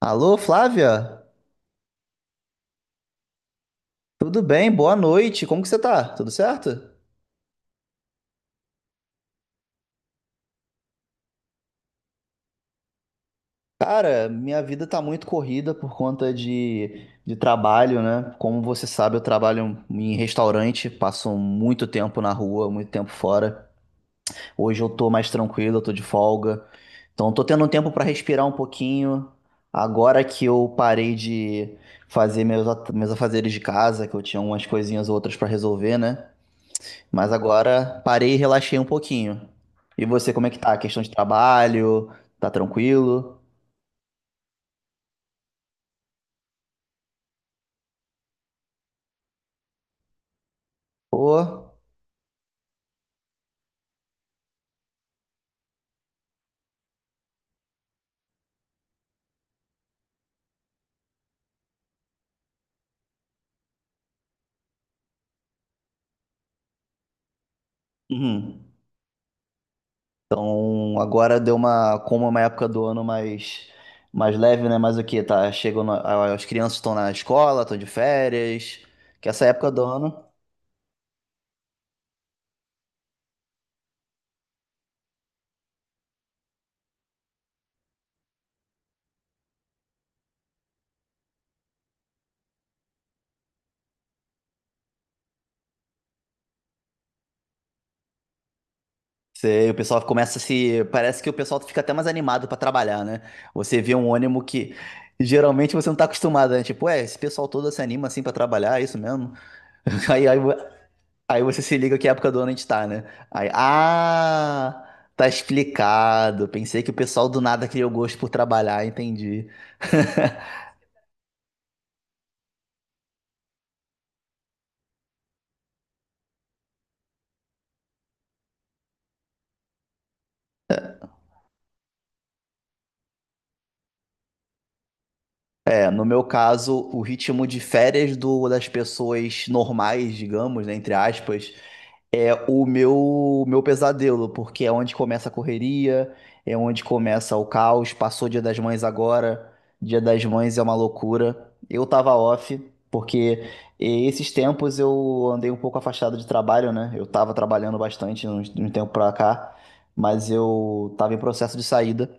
Alô, Flávia? Tudo bem? Boa noite. Como que você tá? Tudo certo? Cara, minha vida tá muito corrida por conta de trabalho, né? Como você sabe, eu trabalho em restaurante, passo muito tempo na rua, muito tempo fora. Hoje eu tô mais tranquilo, eu tô de folga. Então, eu tô tendo um tempo pra respirar um pouquinho. Agora que eu parei de fazer meus afazeres de casa, que eu tinha umas coisinhas ou outras pra resolver, né? Mas agora parei e relaxei um pouquinho. E você, como é que tá? A questão de trabalho? Tá tranquilo? Pô. Uhum. Então agora deu uma, como é uma época do ano mais, mais leve, né? Mas o que? Tá, chegam, as crianças estão na escola, estão de férias. Que essa época do ano, você, o pessoal começa a se, parece que o pessoal fica até mais animado pra trabalhar, né? Você vê um ânimo que geralmente você não tá acostumado, né? Tipo, é, esse pessoal todo se anima assim pra trabalhar, é isso mesmo? Aí, aí, Aí você se liga que época do ano a gente tá, né? Aí, ah, tá explicado. Pensei que o pessoal do nada criou gosto por trabalhar, entendi. É, no meu caso, o ritmo de férias do, das pessoas normais, digamos, né, entre aspas, é o meu pesadelo, porque é onde começa a correria, é onde começa o caos. Passou o Dia das Mães agora, Dia das Mães é uma loucura. Eu tava off, porque esses tempos eu andei um pouco afastado de trabalho, né? Eu tava trabalhando bastante de um tempo pra cá, mas eu tava em processo de saída.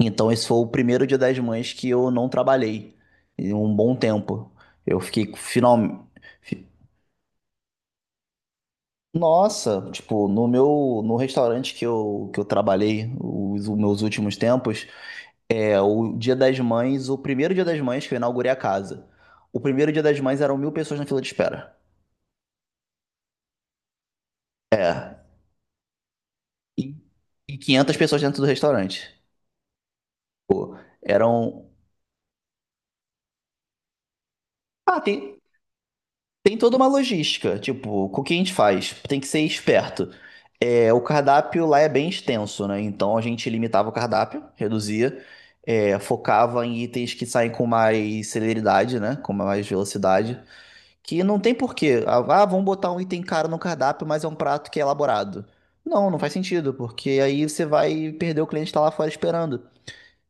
Então esse foi o primeiro Dia das Mães que eu não trabalhei em um bom tempo. Eu fiquei final... Nossa, tipo, no meu, no restaurante que eu trabalhei os meus últimos tempos, é o Dia das Mães, o primeiro Dia das Mães que eu inaugurei a casa. O primeiro Dia das Mães eram mil pessoas na fila de espera. É, e, e 500 pessoas dentro do restaurante. Eram, ah, tem, tem toda uma logística, tipo, com o que a gente faz? Tem que ser esperto. É, o cardápio lá é bem extenso, né? Então a gente limitava o cardápio, reduzia, é, focava em itens que saem com mais celeridade, né? Com mais velocidade. Que não tem porquê. Vamos botar um item caro no cardápio, mas é um prato que é elaborado. Não, não faz sentido, porque aí você vai perder o cliente que tá lá fora esperando.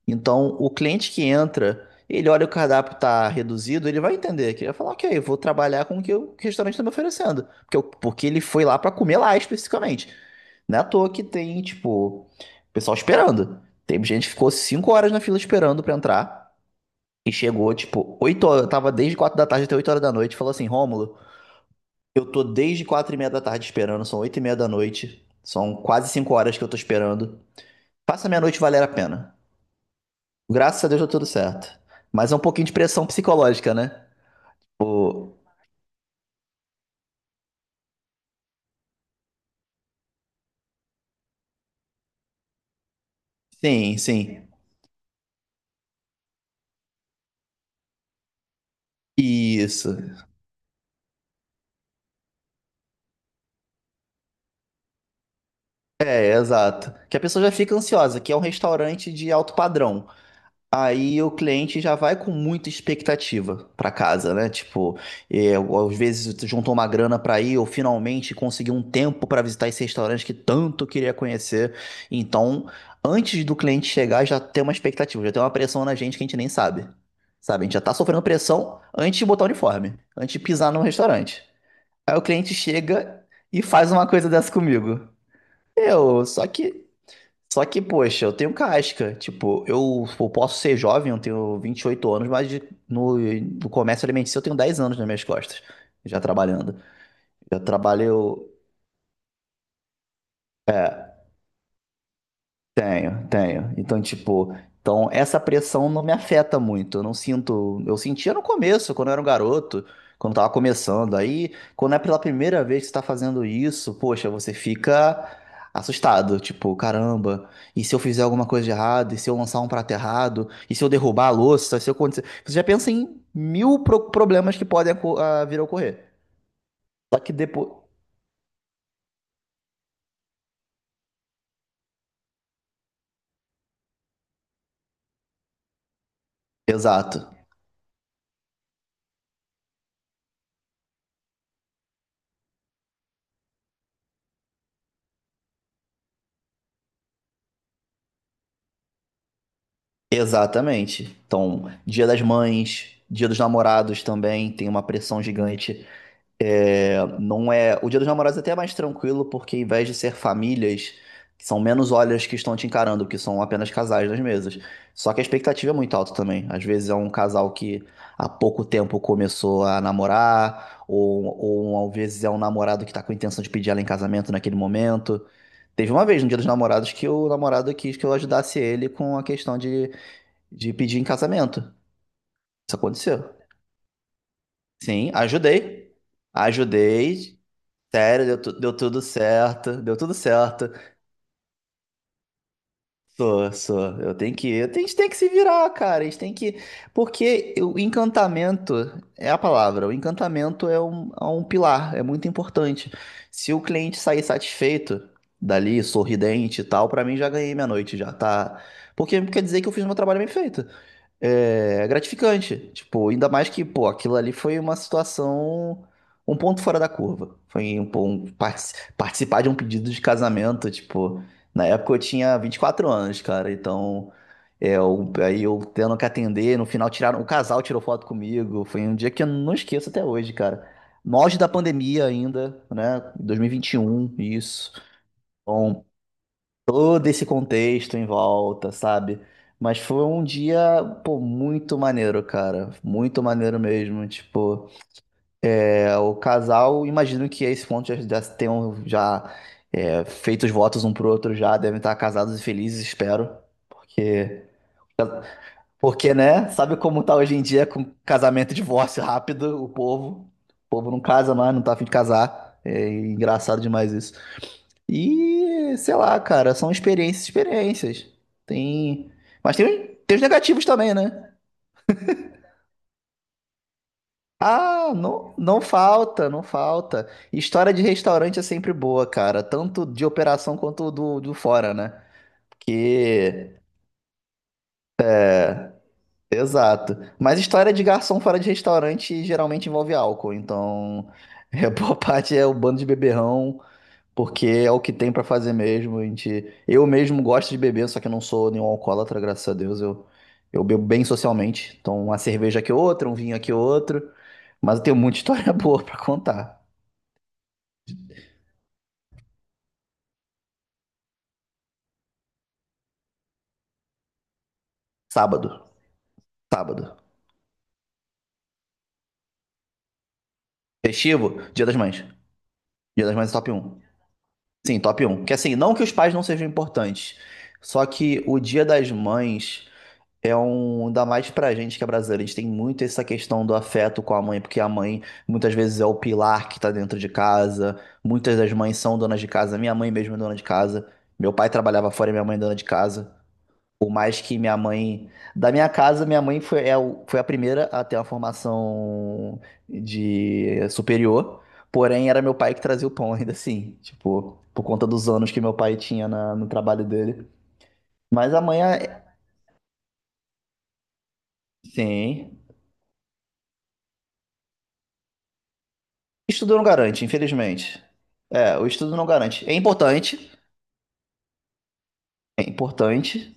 Então, o cliente que entra, ele olha o cardápio tá reduzido, ele vai entender que ele vai falar, ok, eu vou trabalhar com o que o restaurante está me oferecendo, porque, porque ele foi lá para comer lá especificamente. Não é à toa que tem, tipo, pessoal esperando. Tem gente que ficou 5 horas na fila esperando para entrar e chegou, tipo, 8, horas, tava desde 4 da tarde até 8 horas da noite, e falou assim, Rômulo, eu tô desde 4 e meia da tarde esperando, são 8 e meia da noite, são quase 5 horas que eu tô esperando. Faça minha noite valer a pena. Graças a Deus deu tudo certo. Mas é um pouquinho de pressão psicológica, né? O... Sim, sim. Isso. É, exato. Que a pessoa já fica ansiosa, que é um restaurante de alto padrão. Aí o cliente já vai com muita expectativa para casa, né? Tipo, é, às vezes tu juntou uma grana para ir ou finalmente conseguiu um tempo para visitar esse restaurante que tanto queria conhecer. Então, antes do cliente chegar, já tem uma expectativa, já tem uma pressão na gente que a gente nem sabe. Sabe? A gente já tá sofrendo pressão antes de botar o uniforme, antes de pisar no restaurante. Aí o cliente chega e faz uma coisa dessa comigo. Eu, só que, poxa, eu tenho casca. Tipo, eu posso ser jovem, eu tenho 28 anos, mas no, no comércio alimentício eu tenho 10 anos nas minhas costas, já trabalhando. Já trabalho. Tenho, tenho. Então, tipo, então essa pressão não me afeta muito. Eu não sinto. Eu sentia no começo, quando eu era um garoto, quando tava começando. Aí, quando é pela primeira vez que você tá fazendo isso, poxa, você fica assustado. Tipo, caramba, e se eu fizer alguma coisa de errado? E se eu lançar um prato errado? E se eu derrubar a louça? Se eu acontecer. Você já pensa em mil problemas que podem vir a ocorrer. Só que depois. Exato. Exatamente. Então, Dia das Mães, Dia dos Namorados também tem uma pressão gigante. É, não é, o Dia dos Namorados é até mais tranquilo porque, ao invés de ser famílias, são menos olhas que estão te encarando, que são apenas casais nas mesas. Só que a expectativa é muito alta também. Às vezes é um casal que há pouco tempo começou a namorar, ou às vezes é um namorado que está com a intenção de pedir ela em casamento naquele momento. Teve uma vez no Dia dos Namorados que o namorado quis que eu ajudasse ele com a questão de pedir em casamento. Isso aconteceu. Sim, ajudei. Ajudei. Sério, deu tudo certo. Deu tudo certo. Sou, sou. Eu tenho que. Eu tenho- A gente tem que se virar, cara. A gente tem que. Porque o encantamento é a palavra. O encantamento é um pilar, é muito importante. Se o cliente sair satisfeito dali, sorridente e tal, pra mim já ganhei minha noite, já tá. Porque quer dizer que eu fiz meu trabalho bem feito. É é gratificante. Tipo, ainda mais que, pô, aquilo ali foi uma situação, um ponto fora da curva. Foi um, pô, um participar de um pedido de casamento, tipo, na época eu tinha 24 anos, cara, então é, aí eu tendo que atender, no final tiraram, o casal tirou foto comigo. Foi um dia que eu não esqueço até hoje, cara. No auge da pandemia ainda, né? 2021, isso. Então, todo esse contexto em volta, sabe? Mas foi um dia, pô, muito maneiro, cara. Muito maneiro mesmo. Tipo, é, o casal, imagino que a esse ponto já, já tenham já é, feito os votos um pro outro já, devem estar casados e felizes, espero. Porque, porque, né? Sabe como tá hoje em dia com casamento e divórcio rápido, o povo. O povo não casa mais, não tá a fim de casar. É engraçado demais isso. E, sei lá, cara, são experiências, experiências. Tem. Mas tem, tem os negativos também, né? Ah, não, não falta, não falta. História de restaurante é sempre boa, cara. Tanto de operação quanto do fora, né? Que exato. Mas história de garçom fora de restaurante geralmente envolve álcool. Então, é, boa parte é o bando de beberrão. Porque é o que tem pra fazer mesmo. A gente, eu mesmo gosto de beber, só que eu não sou nenhum alcoólatra, graças a Deus. Eu bebo bem socialmente. Então, uma cerveja aqui outra, um vinho aqui outro. Mas eu tenho muita história boa pra contar. Sábado, sábado. Festivo, Dia das Mães. Dia das Mães é top um. Sim, top um. Que assim, não que os pais não sejam importantes, só que o Dia das Mães é um, ainda mais pra gente que é brasileiro, a gente tem muito essa questão do afeto com a mãe, porque a mãe muitas vezes é o pilar que tá dentro de casa, muitas das mães são donas de casa, minha mãe mesmo é dona de casa, meu pai trabalhava fora e minha mãe é dona de casa. Por mais que minha mãe, da minha casa, minha mãe foi, foi a primeira a ter uma formação de superior, porém era meu pai que trazia o pão ainda assim, tipo, por conta dos anos que meu pai tinha no trabalho dele. Mas a mãe, sim. Estudo não garante, infelizmente. É, o estudo não garante. É importante,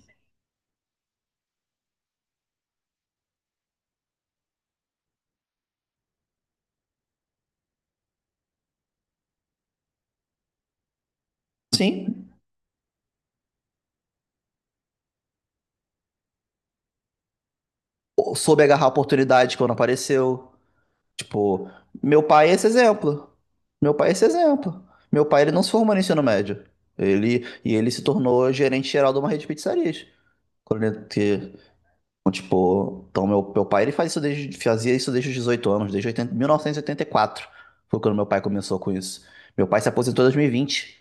sim. Eu soube agarrar a oportunidade quando apareceu. Tipo, meu pai é esse exemplo. Meu pai é esse exemplo. Meu pai, ele não se formou no ensino médio. Ele, e ele se tornou gerente geral de uma rede de pizzarias. Quando ele- que- então, tipo, então meu pai, ele faz isso desde, fazia isso desde os 18 anos, desde oitenta oitenta 1984. Foi quando meu pai começou com isso. Meu pai se aposentou em 2020.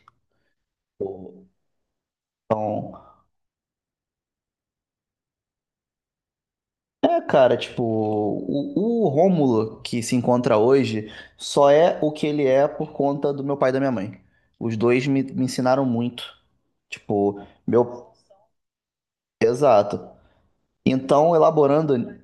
Então é, cara, tipo, o Rômulo que se encontra hoje só é o que ele é por conta do meu pai e da minha mãe. Os dois me ensinaram muito. Tipo, meu. Exato. Então, elaborando.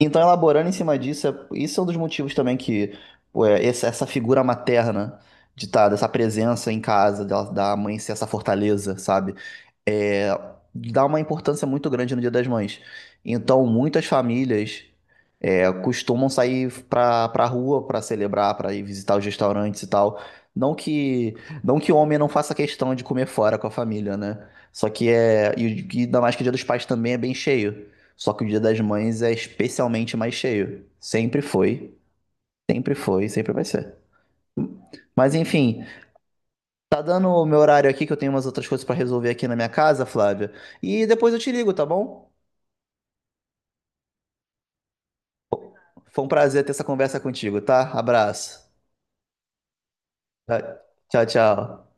Então, elaborando em cima disso, isso é um dos motivos também que ué, essa figura materna de tá, dessa presença em casa, da mãe ser essa fortaleza, sabe? É, dá uma importância muito grande no Dia das Mães. Então, muitas famílias é, costumam sair pra, pra rua pra celebrar, pra ir visitar os restaurantes e tal. Não que, não que homem não faça questão de comer fora com a família, né? Só que é. E ainda mais que o Dia dos Pais também é bem cheio. Só que o Dia das Mães é especialmente mais cheio. Sempre foi, sempre foi, sempre vai ser. Mas enfim. Tá dando o meu horário aqui, que eu tenho umas outras coisas pra resolver aqui na minha casa, Flávia. E depois eu te ligo, tá bom? Foi um prazer ter essa conversa contigo, tá? Abraço. Tchau.